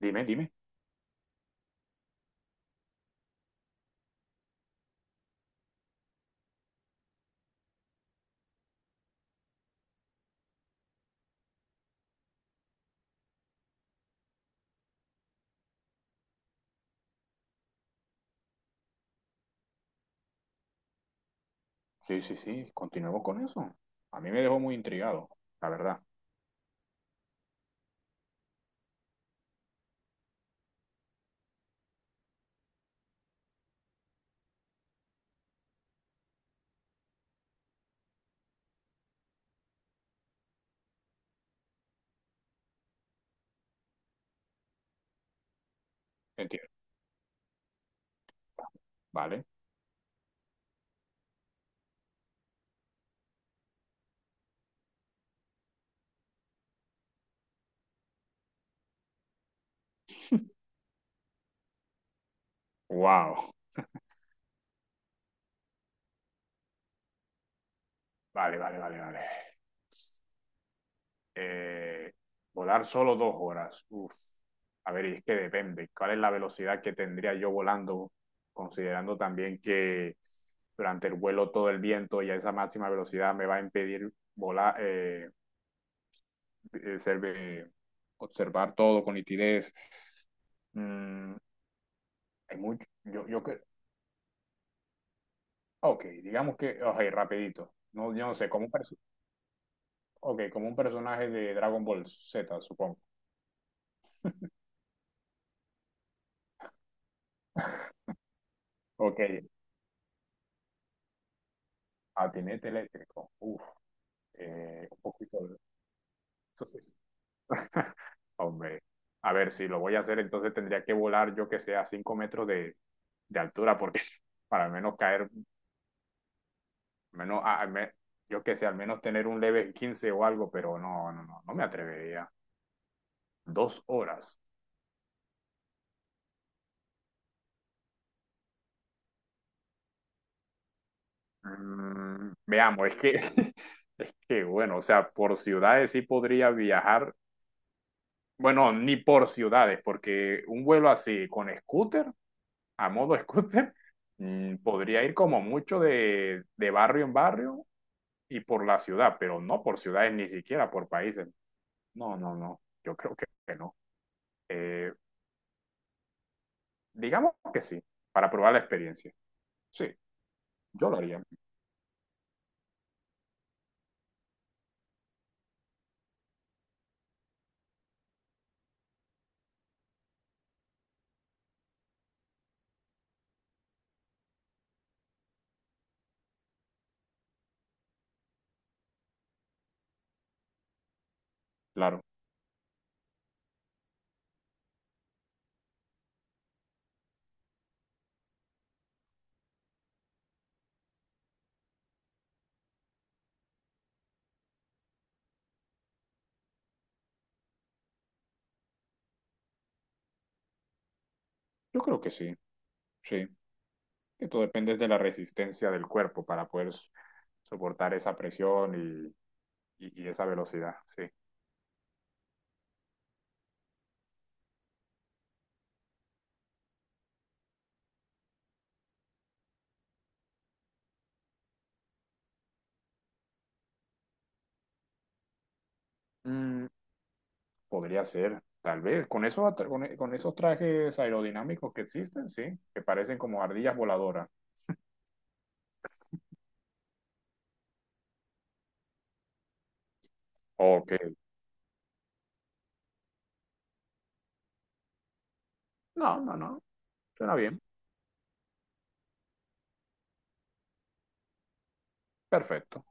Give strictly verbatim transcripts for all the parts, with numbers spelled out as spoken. Dime, dime. Sí, sí, sí, continuemos con eso. A mí me dejó muy intrigado, la verdad. Entiendo. Vale. Wow. Vale, vale, vale, vale. Eh, volar solo dos horas. Uf. A ver, y es que depende. ¿Cuál es la velocidad que tendría yo volando? Considerando también que durante el vuelo todo el viento y a esa máxima velocidad me va a impedir volar, eh, eh, ser- eh, observar todo con nitidez. Mm, Hay mucho, yo, yo, Ok, digamos que, ok, rapidito. No, yo no sé, como un, perso- ok, como un personaje de Dragon Ball Z, supongo. Ok, patinete eléctrico. Uf, eh, un poquito de. Hombre, a ver, si lo voy a hacer, entonces tendría que volar, yo que sé, a cinco metros de, de altura, porque para al menos caer, menos, a- al me- yo que sé, al menos tener un leve quince o algo, pero no, no, no, no me atrevería. Dos horas. Mm, veamos, es que, es que, bueno, o sea, por ciudades sí podría viajar, bueno, ni por ciudades, porque un vuelo así con scooter, a modo scooter, mm, podría ir como mucho de, de barrio en barrio y por la ciudad, pero no por ciudades ni siquiera por países. No, no, no, yo creo que que no. Eh, digamos que sí, para probar la experiencia. Sí, yo lo haría, claro, yo creo que sí, sí. Que tú dependes de la resistencia del cuerpo para poder soportar esa presión y, y, y esa velocidad, sí. Mm, Podría ser, tal vez, con, esos con, e, con esos trajes aerodinámicos que existen, sí, que parecen como ardillas voladoras. Ok. No, no, no, suena bien, perfecto.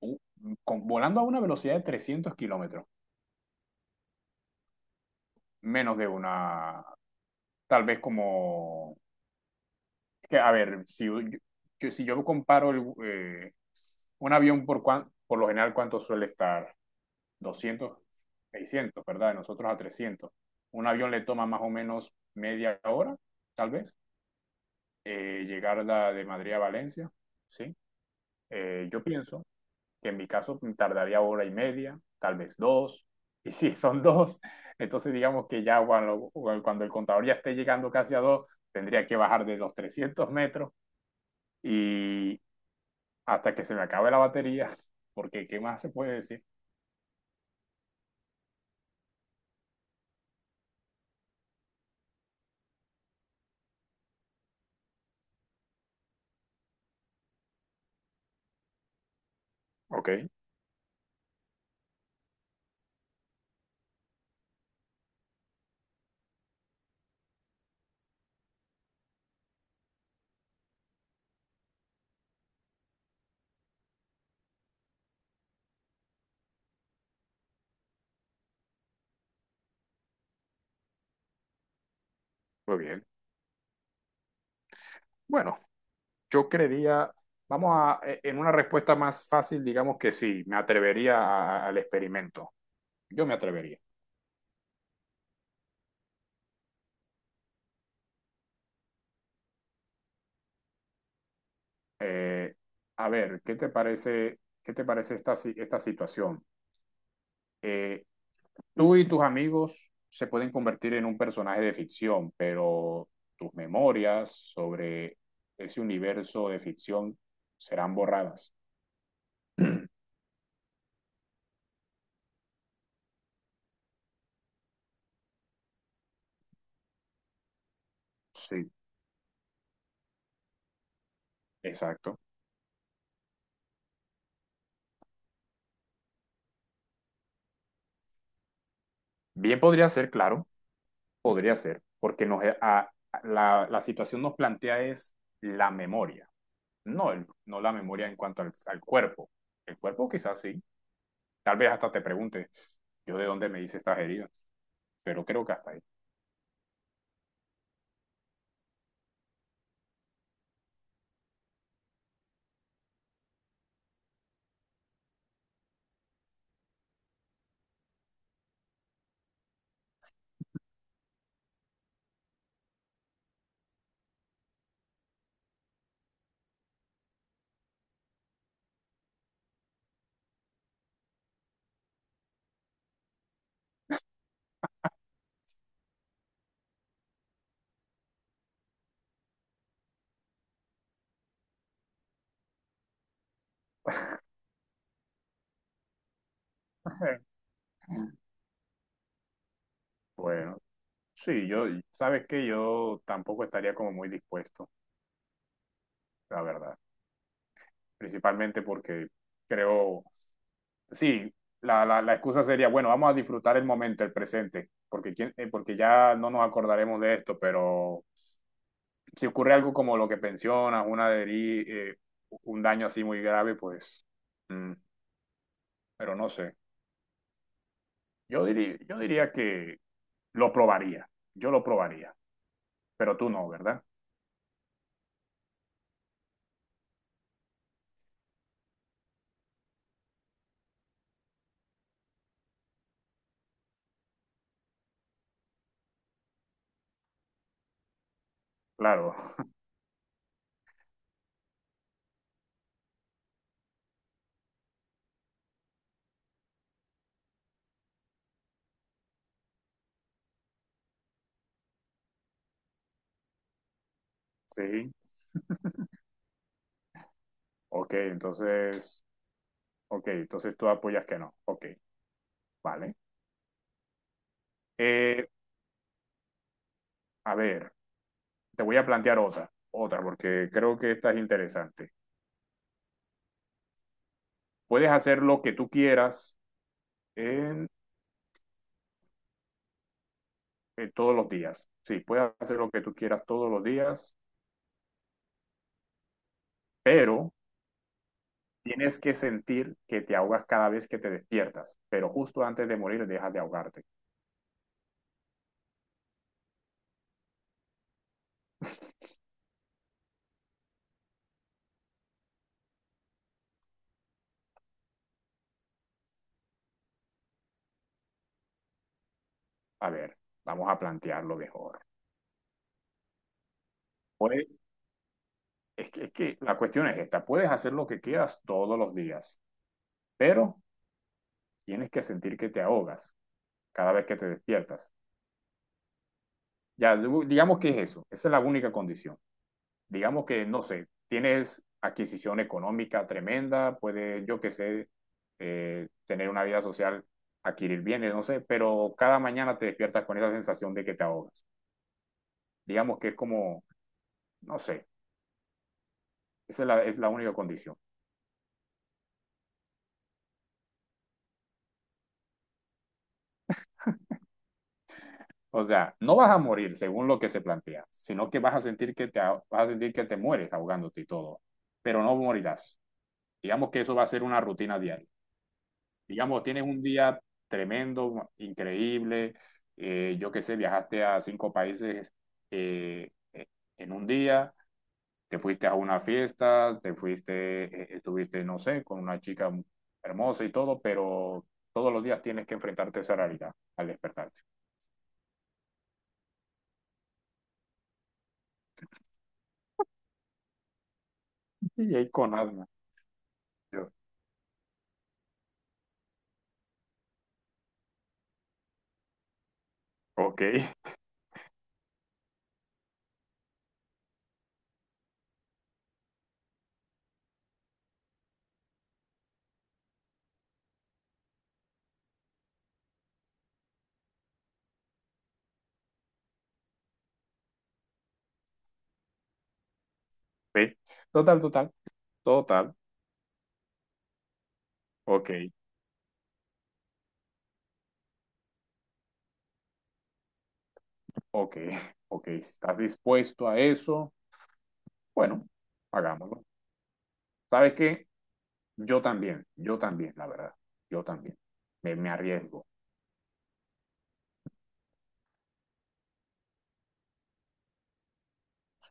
Uh, con, Volando a una velocidad de trescientos kilómetros, menos de una, tal vez como que, a ver, si, yo, si yo comparo el, eh, un avión por, cuan, por lo general, ¿cuánto suele estar? Doscientos, seiscientos, ¿verdad? De nosotros a trescientos. Un avión le toma más o menos media hora, tal vez, eh, llegar la de Madrid a Valencia, ¿sí? Eh, yo pienso que en mi caso tardaría hora y media, tal vez dos, y si sí, son dos, entonces digamos que ya cuando, cuando el contador ya esté llegando casi a dos, tendría que bajar de los trescientos metros y, hasta que se me acabe la batería, porque ¿qué más se puede decir? Ok, muy bien. Bueno, yo creería, vamos a, eh, en una respuesta más fácil, digamos que sí, me atrevería a- al experimento. Yo me atrevería. Eh, a ver, ¿qué te parece, qué te parece esta, si- esta situación? Eh, tú y tus amigos se pueden convertir en un personaje de ficción, pero tus memorias sobre ese universo de ficción serán borradas. Sí. Exacto. Bien podría ser, claro, podría ser, porque nos, eh, a- a- la, la situación nos plantea es la memoria, no, el- no la memoria en cuanto al, al cuerpo. El cuerpo quizás sí, tal vez hasta te pregunte, yo de dónde me hice estas heridas, pero creo que hasta ahí. Bueno, sí, yo, sabes que yo tampoco estaría como muy dispuesto, la verdad, principalmente porque creo. Sí, la, la, la excusa sería, bueno, vamos a disfrutar el momento, el presente, porque, quién- eh, porque ya no nos acordaremos de esto, pero si ocurre algo como lo que mencionas, una deri- eh, un daño así muy grave, pues, mm, pero no sé. Yo diría, yo diría que lo probaría, yo lo probaría, pero tú no, ¿verdad? Claro, sí, ok, entonces, ok, entonces tú apoyas que no, ok, vale. Eh, a ver, te voy a plantear otra, otra, porque creo que esta es interesante. Puedes hacer lo que tú quieras en, en todos los días. Sí, puedes hacer lo que tú quieras todos los días, pero tienes que sentir que te ahogas cada vez que te despiertas, pero justo antes de morir dejas de ahogarte. A ver, vamos a plantearlo mejor. Puedes, es, que, es que la cuestión es esta, puedes hacer lo que quieras todos los días, pero tienes que sentir que te ahogas cada vez que te despiertas. Ya, digamos que es eso, esa es la única condición. Digamos que, no sé, tienes adquisición económica tremenda, puedes, yo qué sé, eh, tener una vida social, adquirir bienes, no sé, pero cada mañana te despiertas con esa sensación de que te ahogas. Digamos que es como, no sé, esa es la, es la única condición. O sea, no vas a morir según lo que se plantea, sino que vas a sentir que te, vas a sentir que te mueres ahogándote y todo, pero no morirás. Digamos que eso va a ser una rutina diaria. Digamos, tienes un día tremendo, increíble, eh, yo qué sé, viajaste a cinco países, eh, eh, en un día, te fuiste a una fiesta, te fuiste, eh, estuviste, no sé, con una chica hermosa y todo, pero todos los días tienes que enfrentarte a esa realidad al despertarte. Y ahí con alma. Yo, ok, sí, total, total, total, ok, ok, ok, si estás dispuesto a eso, bueno, hagámoslo. ¿Sabes qué? Yo también, yo también, la verdad, yo también. Me, me arriesgo,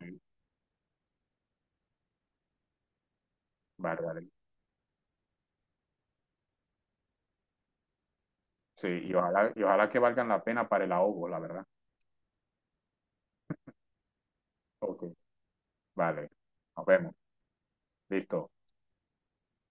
sí, vale, vale. Sí, y ojalá, y ojalá que valgan la pena para el ahogo, la verdad. Ok, vale, nos vemos, listo.